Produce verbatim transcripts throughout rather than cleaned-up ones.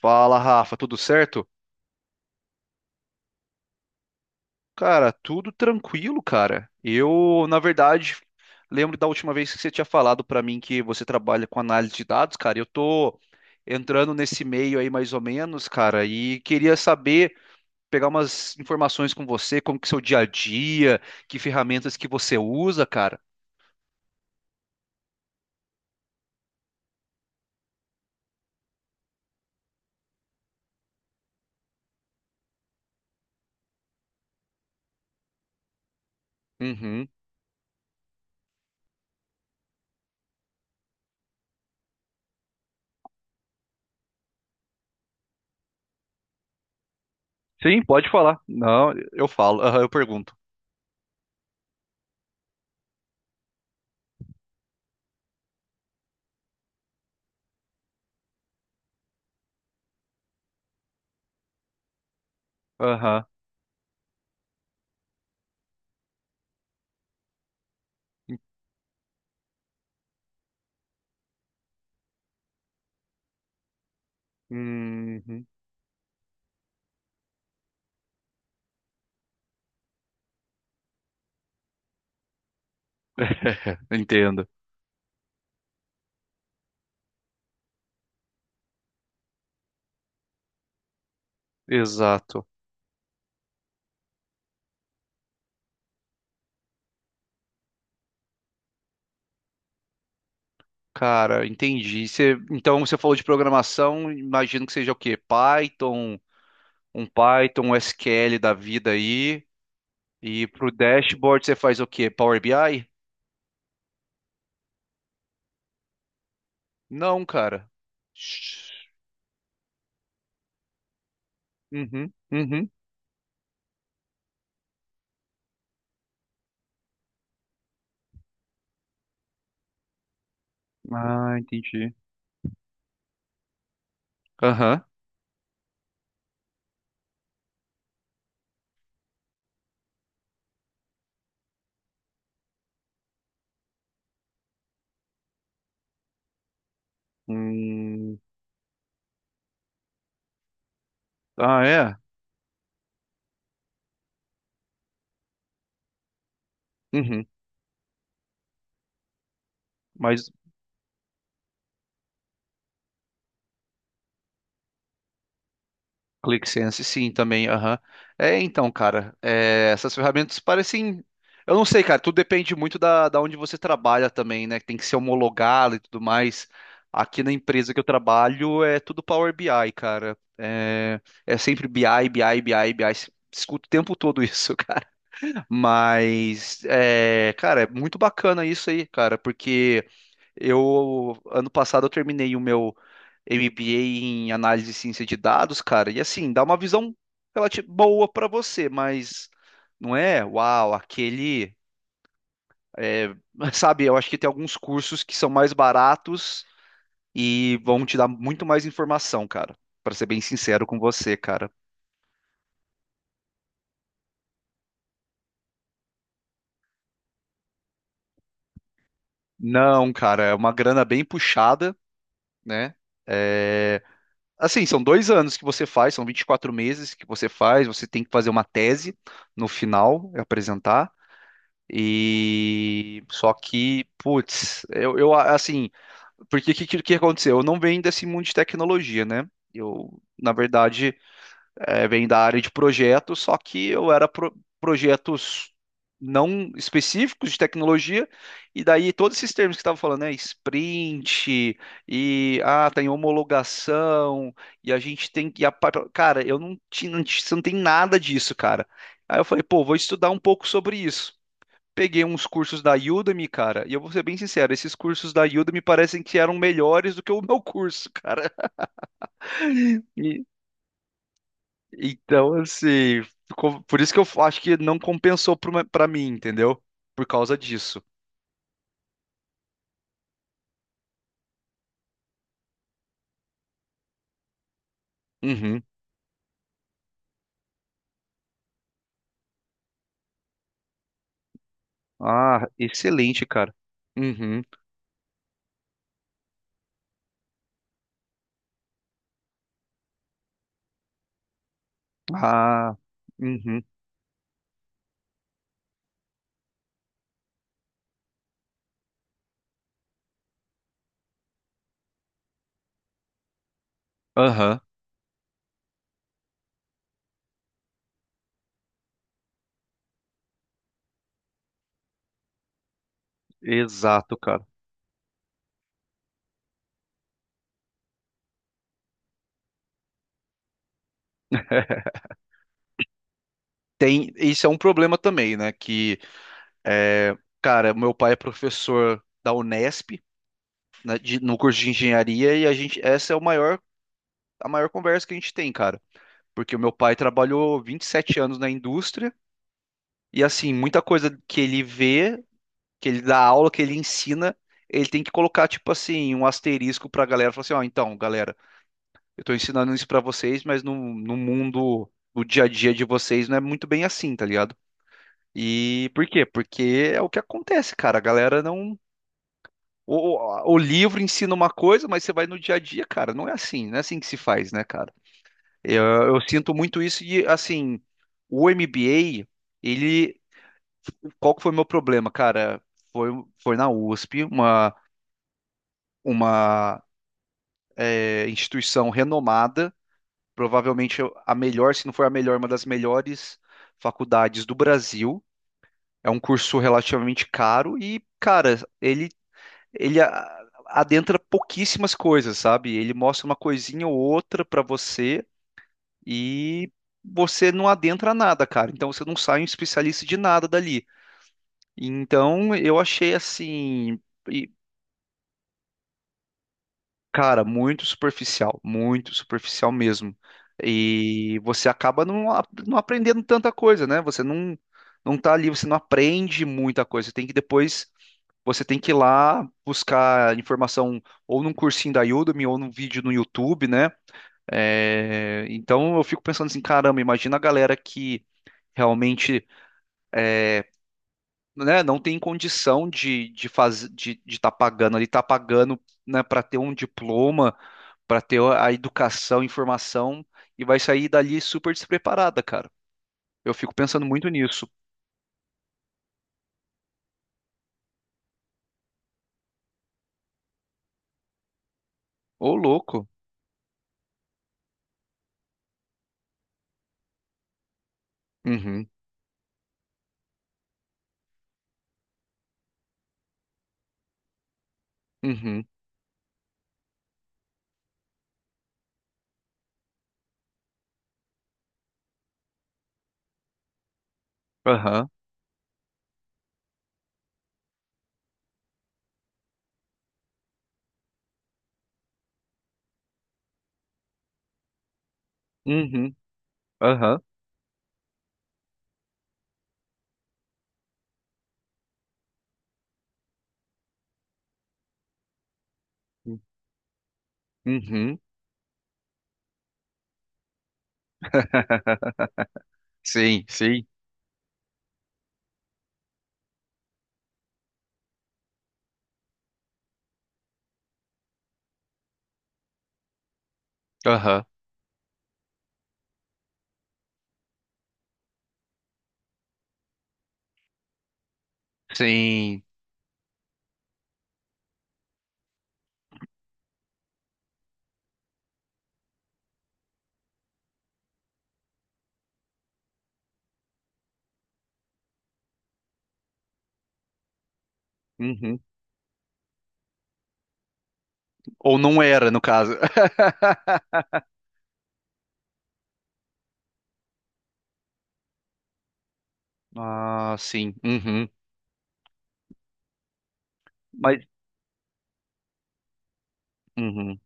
Fala, Rafa, tudo certo? Cara, tudo tranquilo, cara. Eu, na verdade, lembro da última vez que você tinha falado pra mim que você trabalha com análise de dados, cara. Eu tô entrando nesse meio aí mais ou menos, cara, e queria saber, pegar umas informações com você, como que é o seu dia a dia, que ferramentas que você usa, cara. Uhum. Sim, pode falar. Não, eu falo, aham, eu pergunto. Aham. Uhum. Entendo. Exato. Cara, entendi. Você- então você falou de programação, imagino que seja o quê? Python, um Python, um S Q L da vida aí. E pro dashboard você faz o quê? Power B I? Não, cara. Shhh. Uhum, uhum. Ah, entendi. Aham. Hum. Ah, é? Uhum. Mas ClickSense, sim, também, aham. É, então, cara, é, essas ferramentas parecem. Eu não sei, cara, tudo depende muito da, da onde você trabalha também, né? Tem que ser homologado e tudo mais. Aqui na empresa que eu trabalho é tudo Power BI, cara. É, é sempre BI, BI, BI, BI. Escuto o tempo todo isso, cara. Mas, é, cara, é muito bacana isso aí, cara, porque eu, ano passado, eu terminei o meu M B A em análise e ciência de dados, cara, e assim, dá uma visão relativa boa pra você, mas não é, uau, aquele, é, sabe, eu acho que tem alguns cursos que são mais baratos e vão te dar muito mais informação, cara, pra ser bem sincero com você, cara. Não, cara, é uma grana bem puxada, né? É, Assim, são dois anos que você faz, são vinte e quatro meses que você faz, você tem que fazer uma tese no final, é apresentar. E só que, putz, eu, eu, assim, porque o que, que que aconteceu? Eu não venho desse mundo de tecnologia, né? Eu, na verdade, é, vem da área de projetos, só que eu era pro- projetos não específicos de tecnologia, e daí todos esses termos que estava falando, né, sprint, e ah, tem homologação, e a gente tem que, a pa- cara, eu não tinha, não ti- não tem nada disso, cara. Aí eu falei, pô, vou estudar um pouco sobre isso. Peguei uns cursos da Udemy, cara, e eu vou ser bem sincero, esses cursos da Udemy parecem que eram melhores do que o meu curso, cara. Então, assim, ficou- por isso que eu acho que não compensou pro me- pra mim, entendeu? Por causa disso. Uhum. Ah, excelente, cara. Uhum. Ah, uhum. Aham. Exato, cara. Tem, isso é um problema também, né? Que, é, cara, meu pai é professor da Unesp, né, de- no curso de engenharia, e a gente, essa é o maior, a maior conversa que a gente tem, cara. Porque o meu pai trabalhou vinte e sete anos na indústria, e assim, muita coisa que ele vê, que ele dá aula, que ele ensina, ele tem que colocar, tipo assim, um asterisco pra galera, falar assim, ó, então, galera, eu tô ensinando isso pra vocês, mas no, no mundo do dia a dia de vocês não é muito bem assim, tá ligado? E por quê? Porque é o que acontece, cara, a galera não... O, o- o livro ensina uma coisa, mas você vai no dia a dia, cara, não é assim, não é assim que se faz, né, cara? Eu, eu sinto muito isso e, assim, o M B A, ele... Qual que foi o meu problema, cara? Foi, foi na U S P, uma uma é, instituição renomada, provavelmente a melhor, se não for a melhor, uma das melhores faculdades do Brasil. É um curso relativamente caro e, cara, ele, ele a- adentra pouquíssimas coisas, sabe? Ele mostra uma coisinha ou outra pra você e você não adentra nada, cara. Então você não sai um especialista de nada dali. Então eu achei assim. e Cara, muito superficial, muito superficial mesmo. E você acaba não, a- não aprendendo tanta coisa, né? Você não, não tá ali, você não aprende muita coisa. Você tem que depois, você tem que ir lá buscar informação ou num cursinho da Udemy ou num vídeo no YouTube, né? É, então eu fico pensando assim, caramba, imagina a galera que realmente, né, não tem condição de de fazer de estar pagando ali, tá pagando, né, para ter um diploma para ter a educação, a informação e vai sair dali super despreparada, cara. Eu fico pensando muito nisso. Ô, louco. Uhum, uhum, aham, uhum, aham, uhum. Sim, sim, aham, sim, uhum. Ou não era, no caso. Ah, sim, uhum. Mas, uhum.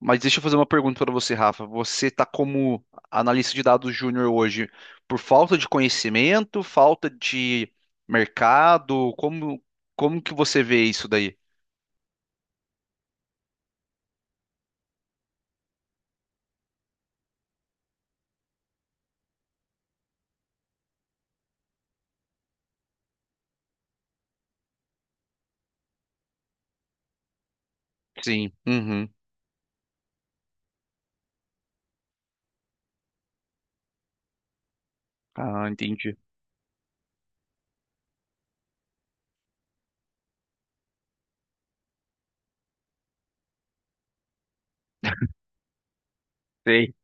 Mas deixa eu fazer uma pergunta para você, Rafa. Você está como analista de dados júnior hoje por falta de conhecimento, falta de mercado? Como, como que você vê isso daí? Sim. Uhum. Ah, entendi. Sei.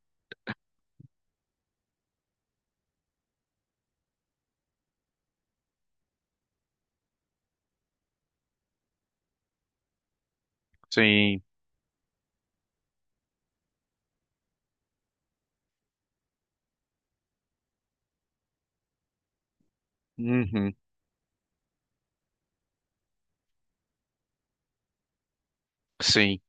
Sim. Uhum. Sim.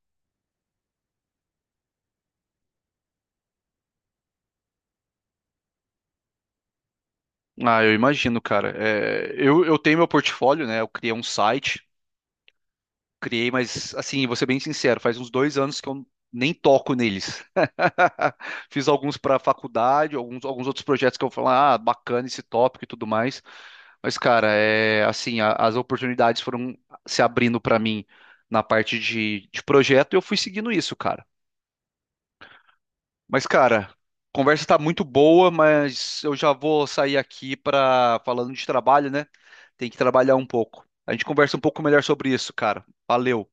Ah, eu imagino, cara. É, eu, eu tenho meu portfólio, né? Eu criei um site criei, mas assim, vou ser bem sincero, faz uns dois anos que eu nem toco neles. Fiz alguns para faculdade, alguns, alguns outros projetos que eu falo, ah, bacana esse tópico e tudo mais. Mas, cara, é assim, a- as oportunidades foram se abrindo para mim na parte de, de projeto e eu fui seguindo isso, cara. Mas, cara, a conversa tá muito boa, mas eu já vou sair aqui para falando de trabalho, né? Tem que trabalhar um pouco. A gente conversa um pouco melhor sobre isso, cara. Valeu.